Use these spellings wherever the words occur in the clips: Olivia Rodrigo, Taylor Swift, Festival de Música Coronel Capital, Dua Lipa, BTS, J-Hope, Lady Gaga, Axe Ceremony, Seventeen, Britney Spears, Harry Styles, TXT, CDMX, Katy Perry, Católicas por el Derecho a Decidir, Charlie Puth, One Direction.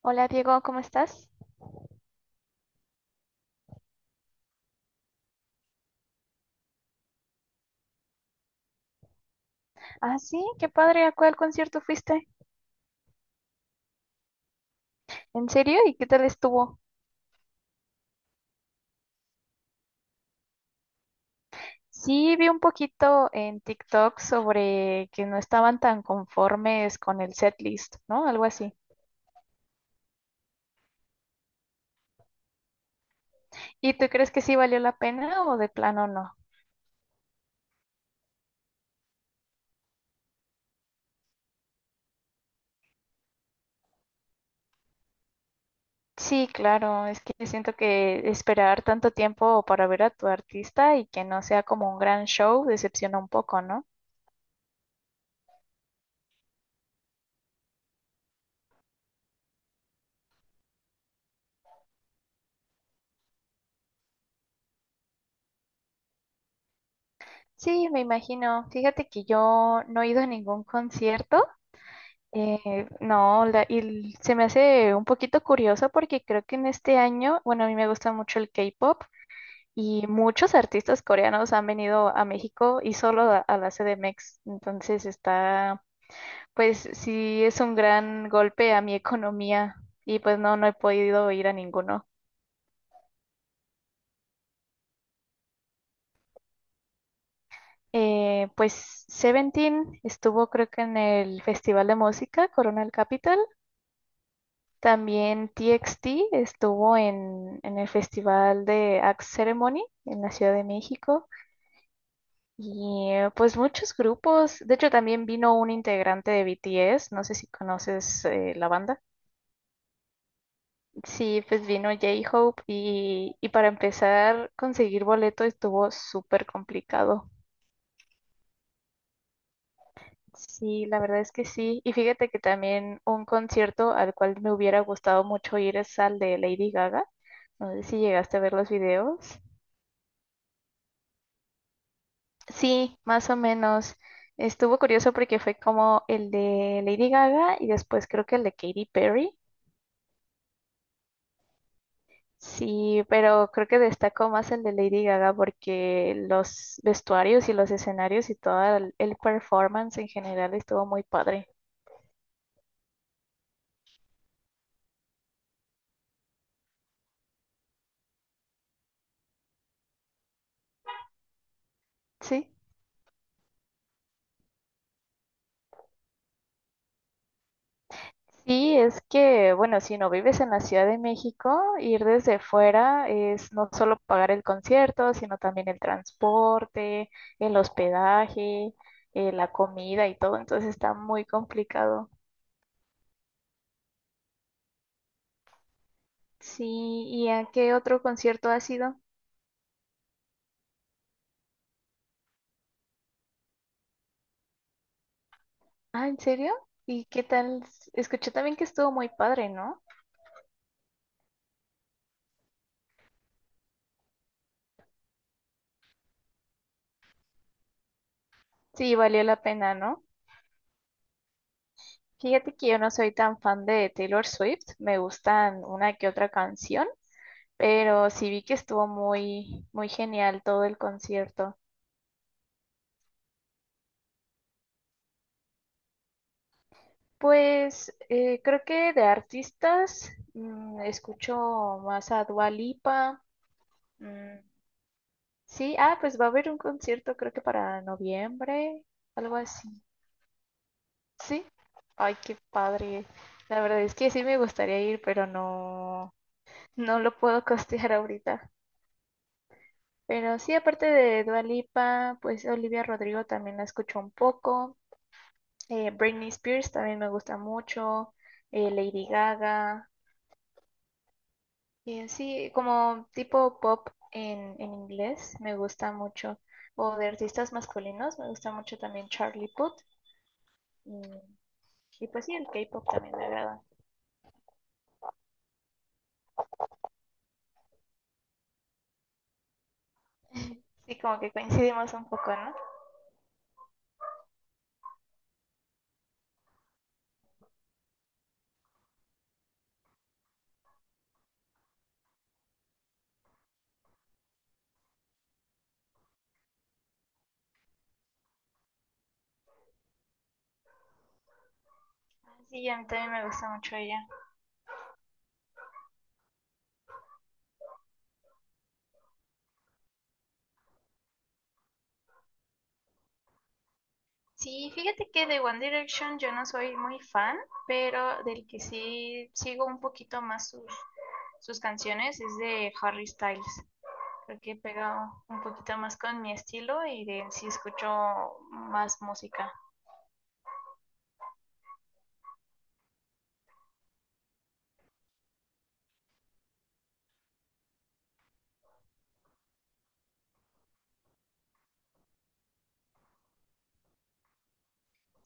Hola Diego, ¿cómo estás? Ah, sí, qué padre, ¿a cuál concierto fuiste? ¿En serio? ¿Y qué tal estuvo? Sí, vi un poquito en TikTok sobre que no estaban tan conformes con el setlist, ¿no? Algo así. ¿Y tú crees que sí valió la pena o de plano no? Sí, claro, es que siento que esperar tanto tiempo para ver a tu artista y que no sea como un gran show decepciona un poco, ¿no? Sí, me imagino. Fíjate que yo no he ido a ningún concierto. No, se me hace un poquito curioso porque creo que en este año, bueno, a mí me gusta mucho el K-pop y muchos artistas coreanos han venido a México y solo a la CDMX. Pues sí es un gran golpe a mi economía y pues no, no he podido ir a ninguno. Pues Seventeen estuvo creo que en el Festival de Música Coronel Capital. También TXT estuvo en el Festival de Axe Ceremony en la Ciudad de México y pues muchos grupos. De hecho, también vino un integrante de BTS, no sé si conoces la banda. Sí, pues vino J-Hope y para empezar, conseguir boleto estuvo súper complicado. Sí, la verdad es que sí. Y fíjate que también un concierto al cual me hubiera gustado mucho ir es al de Lady Gaga. No sé si llegaste a ver los videos. Sí, más o menos. Estuvo curioso porque fue como el de Lady Gaga y después creo que el de Katy Perry. Sí, pero creo que destacó más el de Lady Gaga porque los vestuarios y los escenarios y todo el performance en general estuvo muy padre. Sí. Sí, es que, bueno, si no vives en la Ciudad de México, ir desde fuera es no solo pagar el concierto, sino también el transporte, el hospedaje, la comida y todo, entonces está muy complicado. Sí, ¿y a qué otro concierto has ido? Ah, ¿en serio? ¿Y qué tal? Escuché también que estuvo muy padre, ¿no? Sí, valió la pena, ¿no? Fíjate que yo no soy tan fan de Taylor Swift, me gustan una que otra canción, pero sí vi que estuvo muy, muy genial todo el concierto. Pues creo que de artistas escucho más a Dua Lipa. mm, sí, ah, pues va a haber un concierto creo que para noviembre, algo así. Sí, ay, qué padre. La verdad es que sí me gustaría ir, pero no, no lo puedo costear ahorita. Pero sí, aparte de Dua Lipa, pues Olivia Rodrigo también la escucho un poco. Britney Spears también me gusta mucho, Lady Gaga, y en sí, como tipo pop en inglés me gusta mucho, o de artistas masculinos me gusta mucho también Charlie Puth, y, y pues sí, el K-pop también me agrada. Sí, como que coincidimos un poco, ¿no? Sí, a mí también me gusta mucho ella. Sí, fíjate que de One Direction yo no soy muy fan, pero del que sí sigo un poquito más sus canciones es de Harry Styles. Creo que pega un poquito más con mi estilo y de sí escucho más música.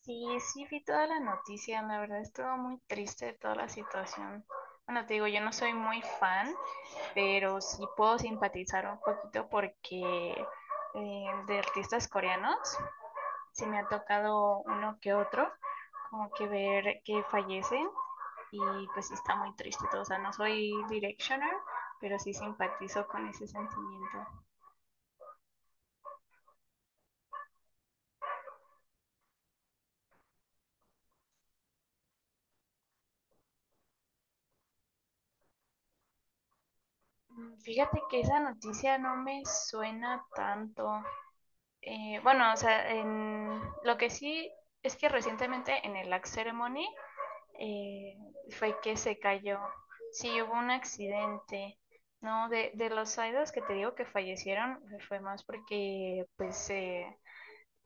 Sí, sí vi toda la noticia, la verdad estuvo muy triste toda la situación. Bueno, te digo, yo no soy muy fan, pero sí puedo simpatizar un poquito porque de artistas coreanos sí me ha tocado uno que otro, como que ver que fallecen y pues sí está muy triste todo. O sea, no soy Directioner, pero sí simpatizo con ese sentimiento. Mm, fíjate que esa noticia no me suena tanto. Bueno, o sea, lo que sí es que recientemente en el Axe Ceremony eh, fue que se cayó. Sí, hubo un accidente. No, de los idols que te digo que fallecieron, fue más porque pues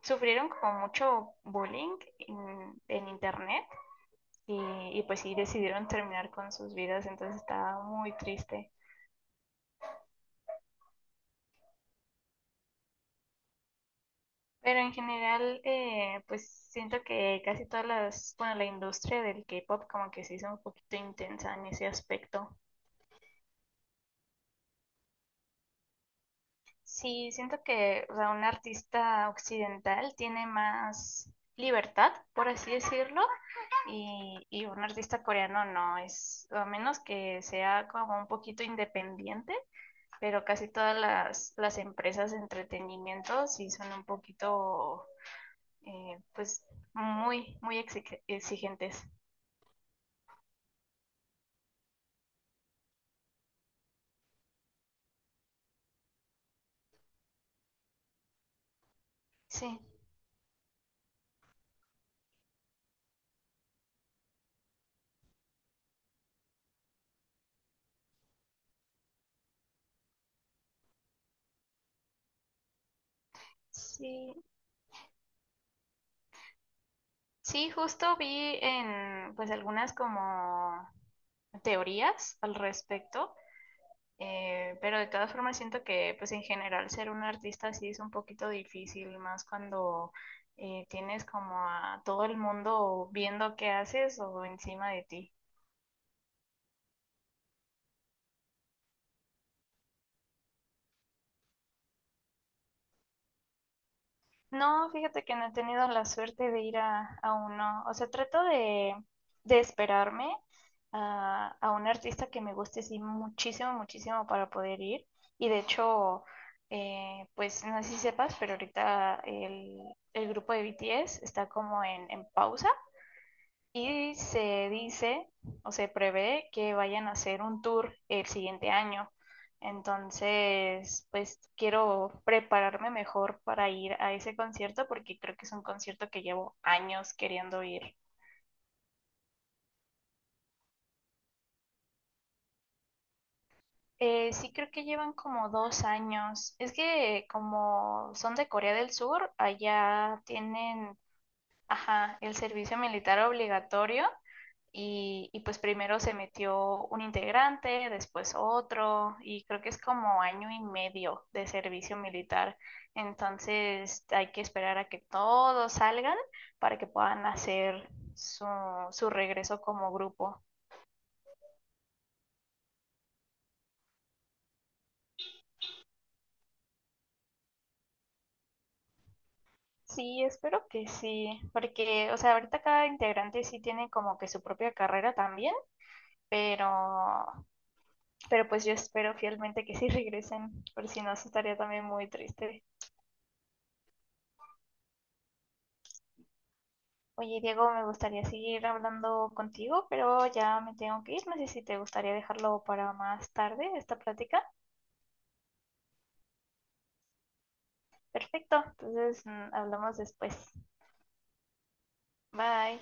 sufrieron como mucho bullying en internet y, y pues sí decidieron terminar con sus vidas, entonces estaba muy triste. Pero en general, pues siento que casi todas las, bueno, la industria del K-pop como que se hizo un poquito intensa en ese aspecto. Sí, siento que, o sea, un artista occidental tiene más libertad, por así decirlo, y un artista coreano no es, a menos que sea como un poquito independiente, pero casi todas las empresas de entretenimiento sí son un poquito, pues, muy, exigentes. Sí, sí, sí, justo vi en pues algunas como teorías al respecto, pero de todas formas siento que pues en general ser un artista sí es un poquito difícil, más cuando tienes como a todo el mundo viendo qué haces o encima de ti. No, fíjate que no he tenido la suerte de ir a uno. O sea, trato de esperarme a un artista que me guste sí, muchísimo, muchísimo para poder ir. Y de hecho, pues no sé si sepas, pero ahorita el grupo de BTS está como en pausa. Y se dice o se prevé que vayan a hacer un tour el siguiente año. Entonces, pues quiero prepararme mejor para ir a ese concierto porque creo que es un concierto que llevo años queriendo ir. Sí creo que llevan como 2 años. Es que como son de Corea del Sur, allá tienen, ajá, el servicio militar obligatorio. Y pues primero se metió un integrante, después otro, y creo que es como año y medio de servicio militar. Entonces hay que esperar a que todos salgan para que puedan hacer su, su regreso como grupo. Sí, espero que sí, porque, o sea, ahorita cada integrante sí tiene como que su propia carrera también, pero, pero pues yo espero fielmente que sí regresen, por si no, sí estaría también muy triste. Oye, Diego, me gustaría seguir hablando contigo, pero ya me tengo que ir. No sé si te gustaría dejarlo para más tarde, esta plática. Perfecto, entonces hablamos después. Bye.